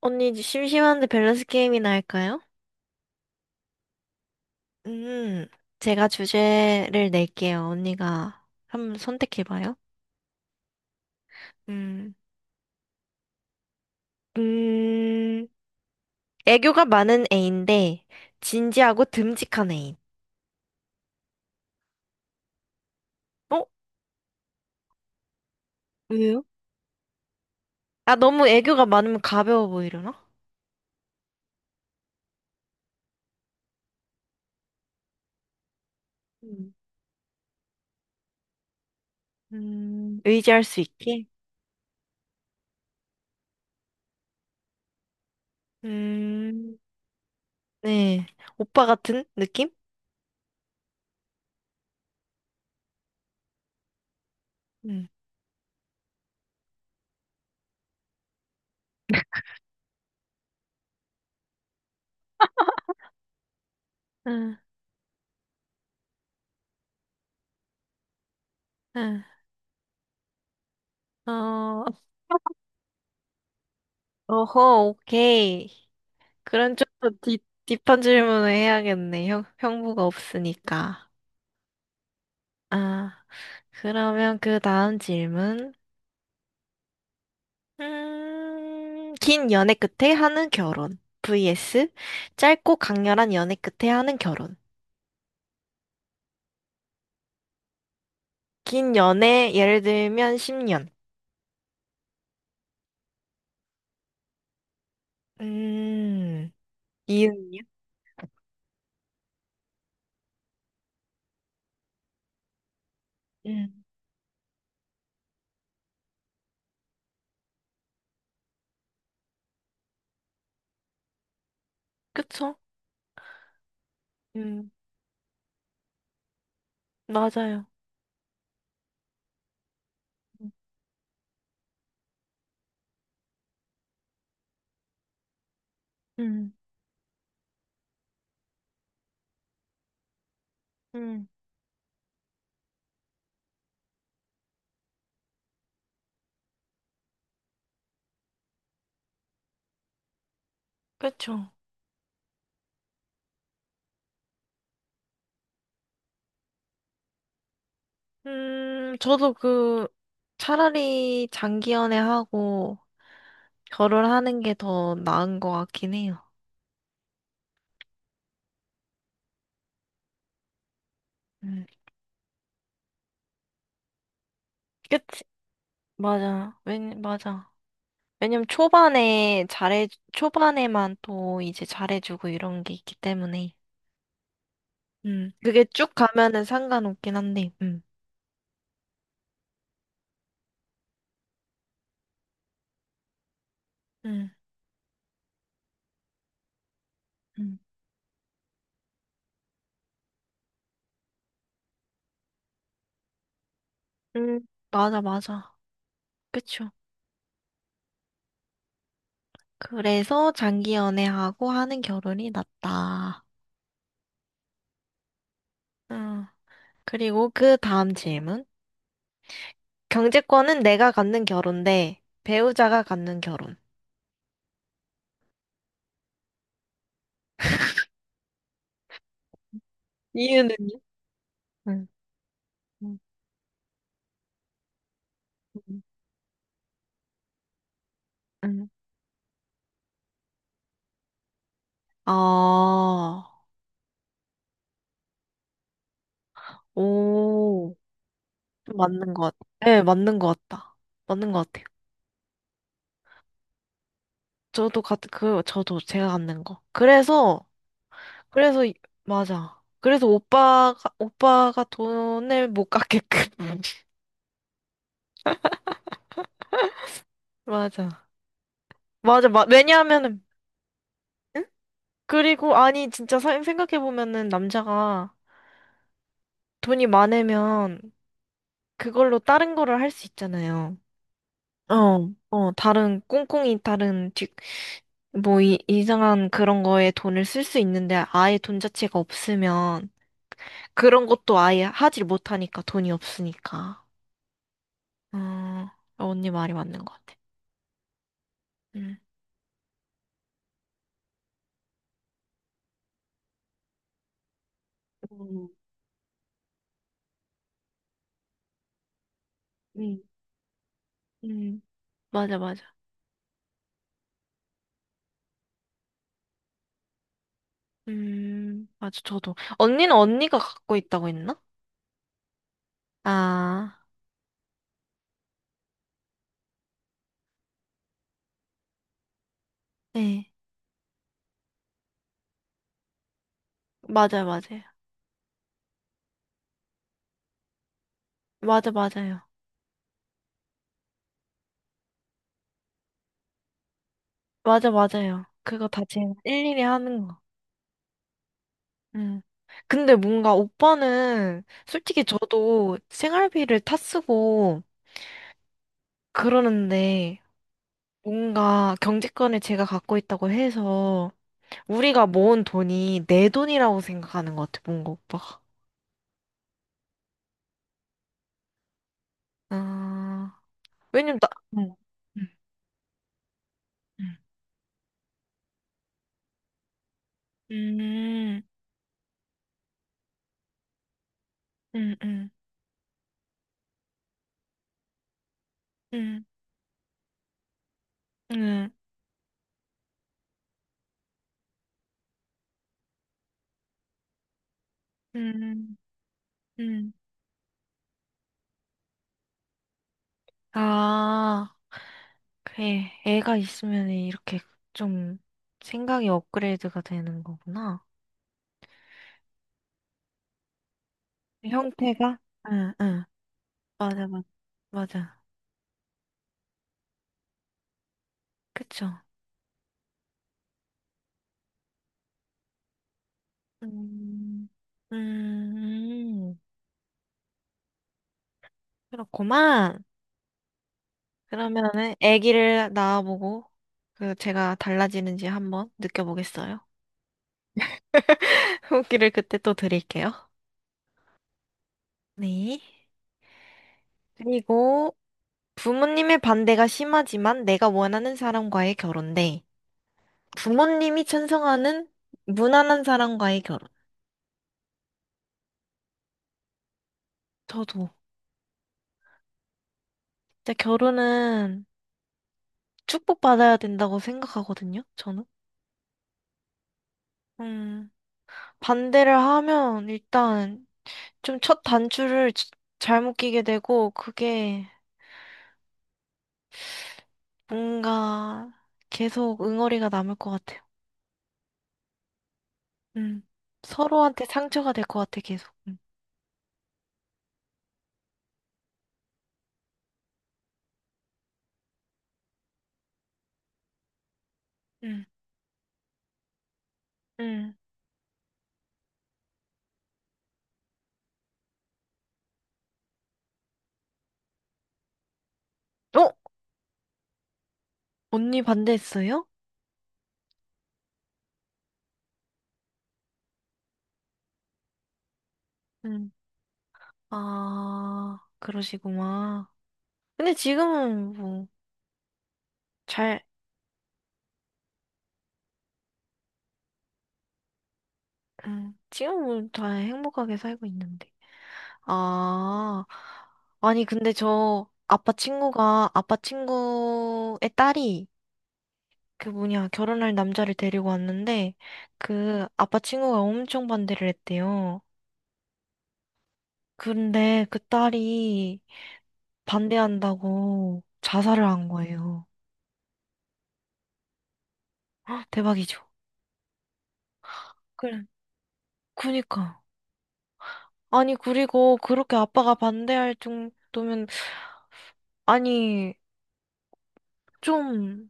언니, 심심한데 밸런스 게임이나 할까요? 음, 제가 주제를 낼게요. 언니가 한번 선택해봐요. 음, 음, 애교가 많은 애인데, 진지하고 듬직한 애인. 어? 왜요? 아, 너무 애교가 많으면 가벼워 보이려나? 음, 의지할 수 있게? 음, 네. 오빠 같은 느낌? 음. 응, 응. 어, 어허, 오케이. 그런 쪽도 딥 딥한 질문을 해야겠네. 형부가 없으니까. 아, 그러면 그 다음 질문. 긴 연애 끝에 하는 결혼. vs 짧고 강렬한 연애 끝에 하는 결혼. 긴 연애, 예를 들면 10년. 음, 이은이요? 음, 그쵸? 음, 맞아요. 음, 음, 그쵸. 저도 차라리 장기 연애하고, 결혼하는 게 더 나은 것 같긴 해요. 음, 그치. 맞아. 왜, 맞아. 왜냐면 초반에 잘해, 초반에만 또 이제 잘해주고 이런 게 있기 때문에. 그게 쭉 가면은 상관없긴 한데, 음, 음, 음, 맞아, 맞아. 그쵸. 그래서 장기 연애하고 하는 결혼이 낫다. 음, 그리고 그 다음 질문. 경제권은 내가 갖는 결혼 대 배우자가 갖는 결혼. 이유는요? 음. 음. 응. 아, 오, 좀 맞는 것 같아. 네, 맞는 것 같다. 맞는 것 같아요. 저도 제가 갖는 거. 그래서, 이- 맞아. 그래서 오빠가 돈을 못 갚게끔. 맞아. 왜냐하면은, 그리고, 아니, 진짜 생각해보면은, 남자가 돈이 많으면, 그걸로 다른 거를 할 수 있잖아요. 어, 어, 다른, 꽁꽁이 다른, 뒤, 뭐, 이, 이상한 그런 거에 돈을 쓸 수 있는데 아예 돈 자체가 없으면 그런 것도 아예 하질 못하니까 돈이 없으니까. 어... 언니 말이 맞는 것 같아. 음, 음, 음, 맞아, 맞아. 맞아, 저도. 언니는 언니가 갖고 있다고 했나? 아, 네. 맞아, 요 맞아요. 맞아, 맞아요. 맞아, 맞아요. 그거 다 제가 일일이 하는 거. 음. 근데 뭔가 오빠는 솔직히 저도 생활비를 타 쓰고 그러는데 뭔가 경제권을 제가 갖고 있다고 해서 우리가 모은 돈이 내 돈이라고 생각하는 것 같아, 뭔가 오빠가. 아, 왜냐면 나, 응, 응, 응, 응, 응, 응, 응, 응, 응. 아, 그래. 애가 있으면 이렇게 좀 생각이 업그레이드가 되는 거구나. 형태가? 응, 응. 맞아, 맞아. 맞아. 그쵸. 음, 음, 그렇구만. 그러면은 아기를 낳아보고 그 제가 달라지는지 한번 느껴보겠어요. 후기를 그때 또 드릴게요. 네. 그리고 부모님의 반대가 심하지만 내가 원하는 사람과의 결혼 대 부모님이 찬성하는 무난한 사람과의 결혼. 저도 진짜 결혼은 축복받아야 된다고 생각하거든요. 저는. 음, 반대를 하면 일단 좀 첫 단추를 잘못 끼게 되고 그게 뭔가 계속 응어리가 남을 것 같아요. 음. 서로한테 상처가 될 것 같아 계속. 음. 음. 음. 어? 언니 반대했어요? 음. 아, 그러시구만. 근데 지금은 뭐 잘, 지금은 다 행복하게 살고 있는데. 아, 아니 근데 저 아빠 친구가 아빠 친구의 딸이 그 뭐냐, 결혼할 남자를 데리고 왔는데, 그 아빠 친구가 엄청 반대를 했대요. 근데 그 딸이 반대한다고 자살을 한 거예요. 헉, 대박이죠. 그래. 그니까. 아니, 그리고 그렇게 아빠가 반대할 정도면, 아니, 좀,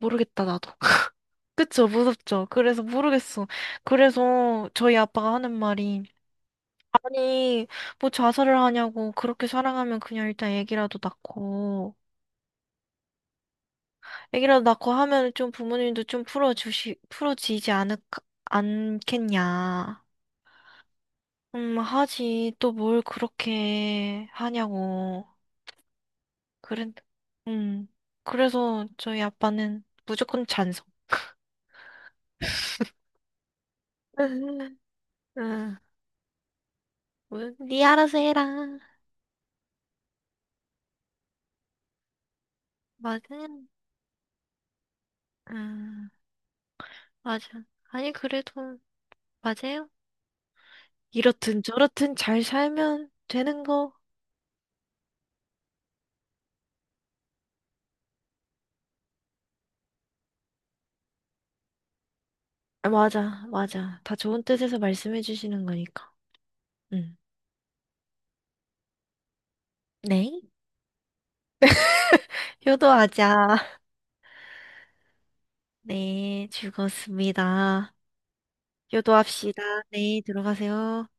모르겠다, 나도. 그쵸, 무섭죠. 그래서 모르겠어. 그래서 저희 아빠가 하는 말이, 아니, 뭐 자살을 하냐고, 그렇게 사랑하면 그냥 일단 애기라도 낳고, 애기라도 낳고 하면 좀 풀어지지 않을, 않겠냐. 하지. 또 뭘 그렇게 하냐고. 그래, 음. 그래서 저희 아빠는 무조건 찬성. 응, 뭐, 니 알아서 해라. 맞아. 응, 맞아. 아니, 그래도, 맞아요. 이렇든 저렇든 잘 살면 되는 거. 아, 맞아, 맞아. 다 좋은 뜻에서 말씀해 주시는 거니까. 응. 네. 효도하자. 네, 즐거웠습니다. 효도합시다. 네, 들어가세요.